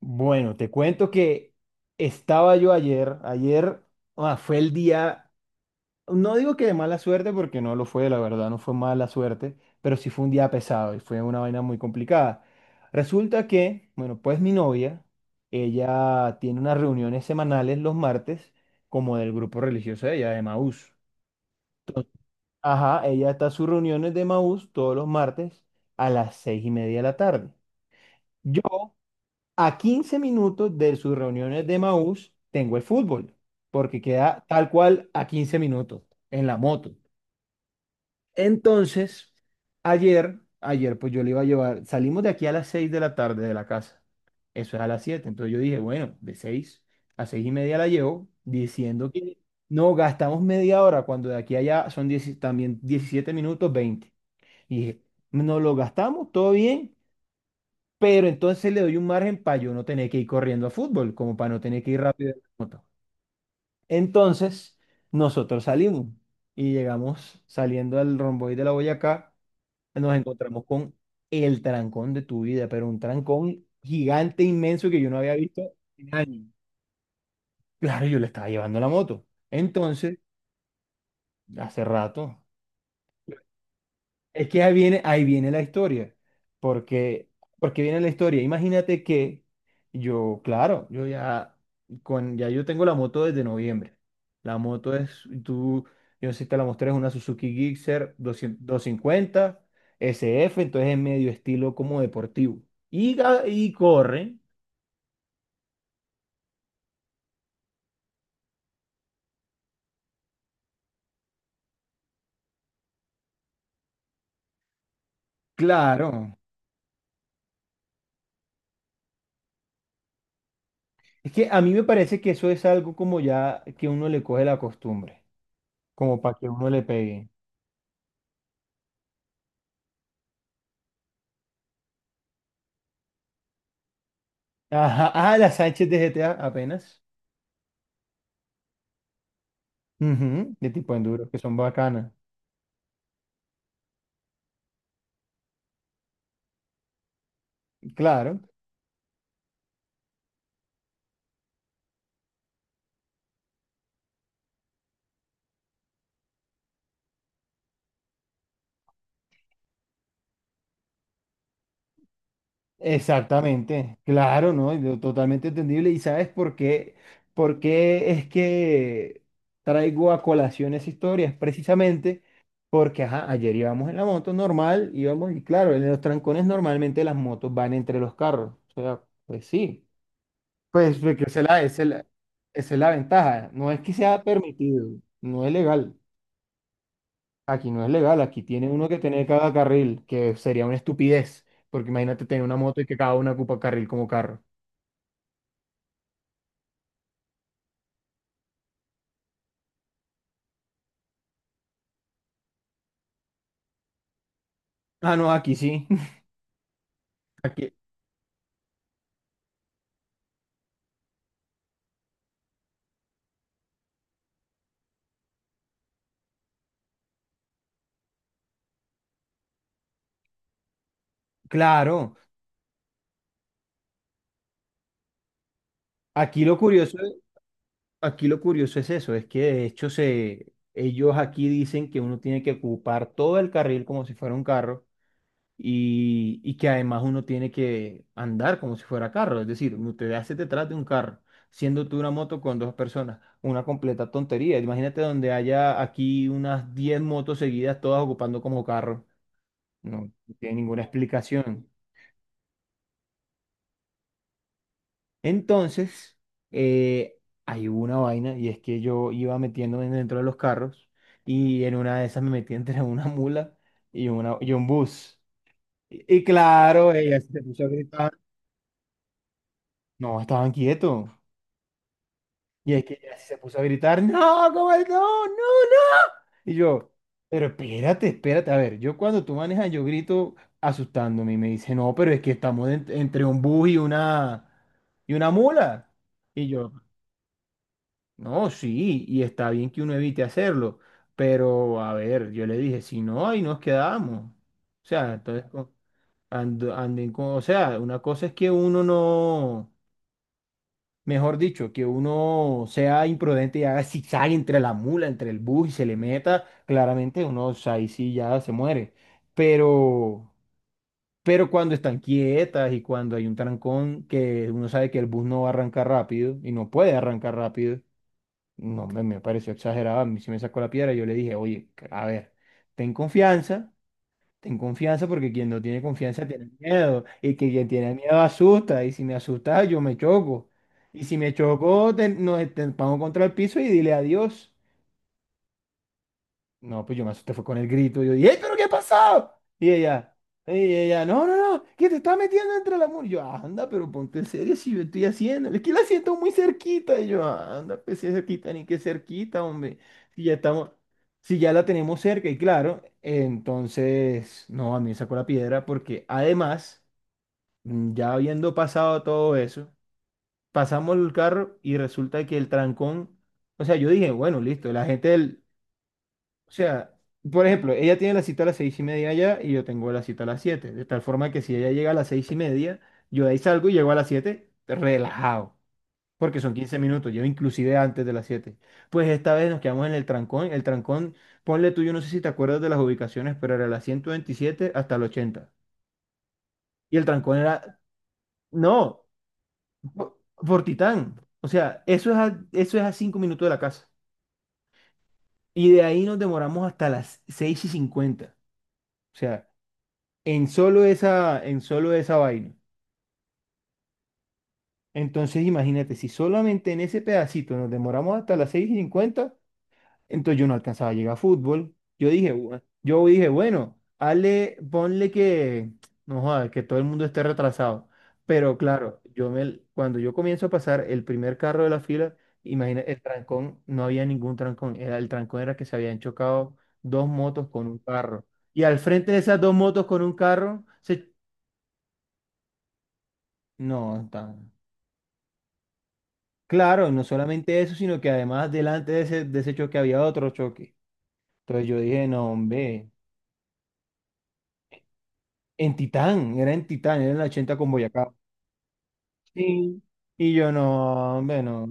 Bueno, te cuento que estaba yo ayer. Fue el día, no digo que de mala suerte porque no lo fue, la verdad, no fue mala suerte, pero sí fue un día pesado y fue una vaina muy complicada. Resulta que, bueno, pues mi novia, ella tiene unas reuniones semanales los martes como del grupo religioso de ella, de Maús. Ajá, ella está a sus reuniones de Maús todos los martes a las 6:30 de la tarde. A 15 minutos de sus reuniones de Maús tengo el fútbol, porque queda tal cual a 15 minutos en la moto. Entonces, ayer pues yo le iba a llevar, salimos de aquí a las 6 de la tarde de la casa, eso es a las 7. Entonces yo dije, bueno, de 6 a 6:30 la llevo, diciendo que no, gastamos media hora, cuando de aquí a allá son 10 también 17 minutos 20. Y dije, no lo gastamos, todo bien, pero entonces le doy un margen para yo no tener que ir corriendo a fútbol, como para no tener que ir rápido en la moto. Entonces, nosotros salimos y llegamos saliendo al romboide de la Boyacá, nos encontramos con el trancón de tu vida, pero un trancón gigante, inmenso que yo no había visto en años. Claro, yo le estaba llevando la moto. Entonces, hace rato. Es que ahí viene la historia. Porque, porque viene la historia. Imagínate que yo, claro, yo ya, ya yo tengo la moto desde noviembre. La moto es, tú, yo no sé si te la mostré, es una Suzuki Gixxer 250 S F, entonces es medio estilo como deportivo. Y, y corre, claro. Es que a mí me parece que eso es algo como ya que uno le coge la costumbre, como para que uno le pegue. Ajá, ah, la Sánchez de GTA apenas. Ujú, de tipo enduro, que son bacanas. Claro, exactamente, claro, ¿no? Y lo totalmente entendible. ¿Y sabes por qué? ¿Por qué es que traigo a colación esa historia? Es precisamente porque, ajá, ayer íbamos en la moto normal, íbamos, y claro, en los trancones normalmente las motos van entre los carros. O sea, pues sí, pues porque esa es la ventaja. No es que sea permitido, no es legal. Aquí no es legal, aquí tiene uno que tener cada carril, que sería una estupidez, porque imagínate tener una moto y que cada una ocupa carril como carro. Ah, no, aquí sí. Aquí, claro, aquí lo curioso, aquí lo curioso es eso, es que de hecho se, ellos aquí dicen que uno tiene que ocupar todo el carril como si fuera un carro. Y, y que además uno tiene que andar como si fuera carro, es decir, usted hace detrás de un carro, siendo tú una moto con dos personas, una completa tontería. Imagínate donde haya aquí unas 10 motos seguidas, todas ocupando como carro, no tiene ninguna explicación. Entonces, eh, hay una vaina y es que yo iba metiéndome dentro de los carros y en una de esas me metí entre una mula y, una, y un bus. Y claro, ella se puso a gritar, no, estaban quietos. Y es que ella se puso a gritar, no, ¿cómo es? No, no. Y yo, pero espérate. A ver, yo cuando tú manejas, yo grito asustándome y me dice, no, pero es que estamos entre un bus y una mula. Y yo, no, sí, y está bien que uno evite hacerlo, pero a ver, yo le dije, si no, ahí nos quedamos. O sea, entonces, anden con, o sea, una cosa es que uno no. Mejor dicho, que uno sea imprudente y haga zigzag entre la mula, entre el bus y se le meta, claramente uno o sea, ahí sí ya se muere. Pero, pero cuando están quietas y cuando hay un trancón que uno sabe que el bus no va a arrancar rápido y no puede arrancar rápido, no, me pareció exagerado. A mí sí me sacó la piedra. Yo le dije, oye, a ver, ten confianza. Ten confianza porque quien no tiene confianza tiene miedo y que quien tiene miedo asusta y si me asusta yo me choco y si me choco nos estampamos contra el piso y dile adiós. No, pues yo me asusté, fue con el grito. Yo dije, ¡ey, pero qué ha pasado! Y ella, no, no, no, que te está metiendo entre la mula. Y yo, anda, pero ponte en serio si yo estoy haciendo. Es que la siento muy cerquita. Y yo, anda, pues si es cerquita, ni que cerquita, hombre. Si ya estamos, si ya la tenemos cerca, y claro, entonces, no, a mí me sacó la piedra porque además, ya habiendo pasado todo eso, pasamos el carro y resulta que el trancón, o sea, yo dije, bueno, listo, la gente del o sea, por ejemplo, ella tiene la cita a las 6:30 allá y yo tengo la cita a las 7. De tal forma que si ella llega a las 6:30, yo de ahí salgo y llego a las 7 relajado. Porque son 15 minutos, yo inclusive antes de las 7. Pues esta vez nos quedamos en el trancón. El trancón, ponle tú, yo no sé si te acuerdas de las ubicaciones, pero era la 127 hasta la 80. Y el trancón era, no, por Titán. O sea, eso es a 5 minutos de la casa. Y de ahí nos demoramos hasta las 6:50. O sea, en solo esa vaina. Entonces, imagínate, si solamente en ese pedacito nos demoramos hasta las seis y cincuenta, entonces yo no alcanzaba a llegar a fútbol. Yo dije, yo dije, bueno, hazle, ponle que, no jodas, que todo el mundo esté retrasado". Pero claro, cuando yo comienzo a pasar el primer carro de la fila, imagina, el trancón, no había ningún trancón, era, el trancón era que se habían chocado dos motos con un carro. Y al frente de esas dos motos con un carro, se, no, está. Claro, no solamente eso, sino que además delante de ese choque había otro choque. Entonces yo dije, no, hombre, en Titán, era en Titán, era en la 80 con Boyacá. Sí. Y yo, no, hombre, no.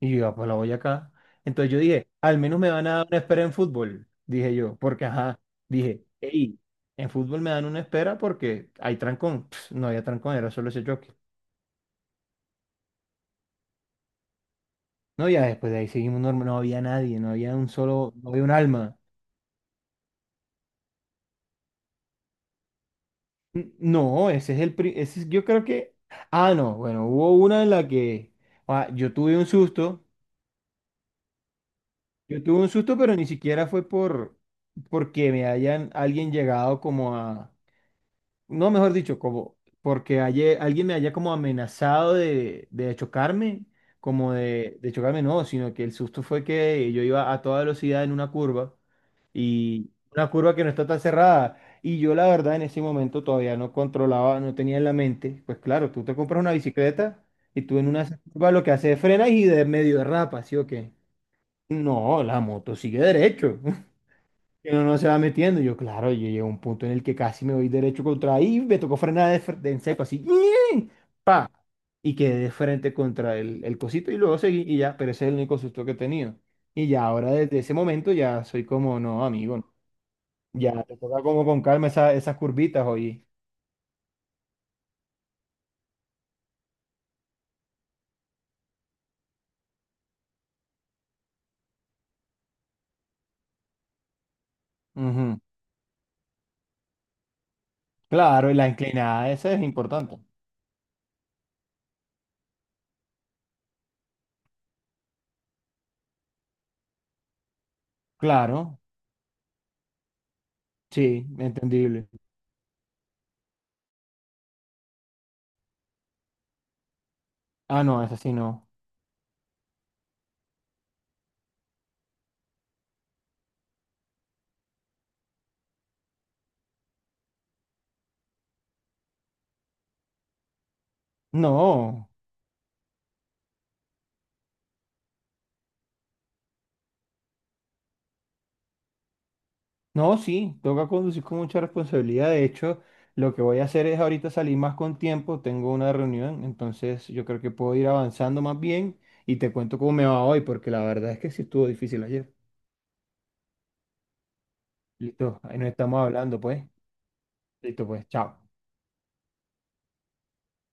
Y yo, "Ah, pues la Boyacá". Entonces yo dije, al menos me van a dar una espera en fútbol, dije yo, porque ajá, dije, hey, en fútbol me dan una espera porque hay trancón. Pss, no había trancón, era solo ese choque. No, ya después de ahí seguimos normal, no había nadie, no había un alma. No, ese es el... ese es... yo creo que... Ah, no, bueno, hubo una en la que... ah, yo tuve un susto, pero ni siquiera fue por... porque me hayan alguien llegado como a... No, mejor dicho, como... porque alguien me haya como amenazado de chocarme, de chocarme, no, sino que el susto fue que yo iba a toda velocidad en una curva. Y una curva que no está tan cerrada. Y yo la verdad en ese momento todavía no controlaba, no tenía en la mente, pues claro, tú te compras una bicicleta y tú en una curva lo que haces es frenas y de medio derrapa, ¿sí o qué? No, la moto sigue derecho, que no, no se va metiendo. Yo claro, yo llegué a un punto en el que casi me voy derecho contra ahí, me tocó frenar de, de en seco así, ¡ñe! Pa, y quedé de frente contra el cosito y luego seguí y ya, pero ese es el único susto que he tenido. Y ya ahora desde ese momento ya soy como, no, amigo. Ya, te toca como con calma esas curvitas, oye. Ujú. Claro, y la inclinada, esa es importante. Claro, sí, entendible. Ah, no, esa sí no. No, no, sí, toca conducir con mucha responsabilidad. De hecho, lo que voy a hacer es ahorita salir más con tiempo, tengo una reunión, entonces yo creo que puedo ir avanzando más bien y te cuento cómo me va hoy, porque la verdad es que sí estuvo difícil ayer. Listo, ahí nos estamos hablando, pues. Listo, pues, chao.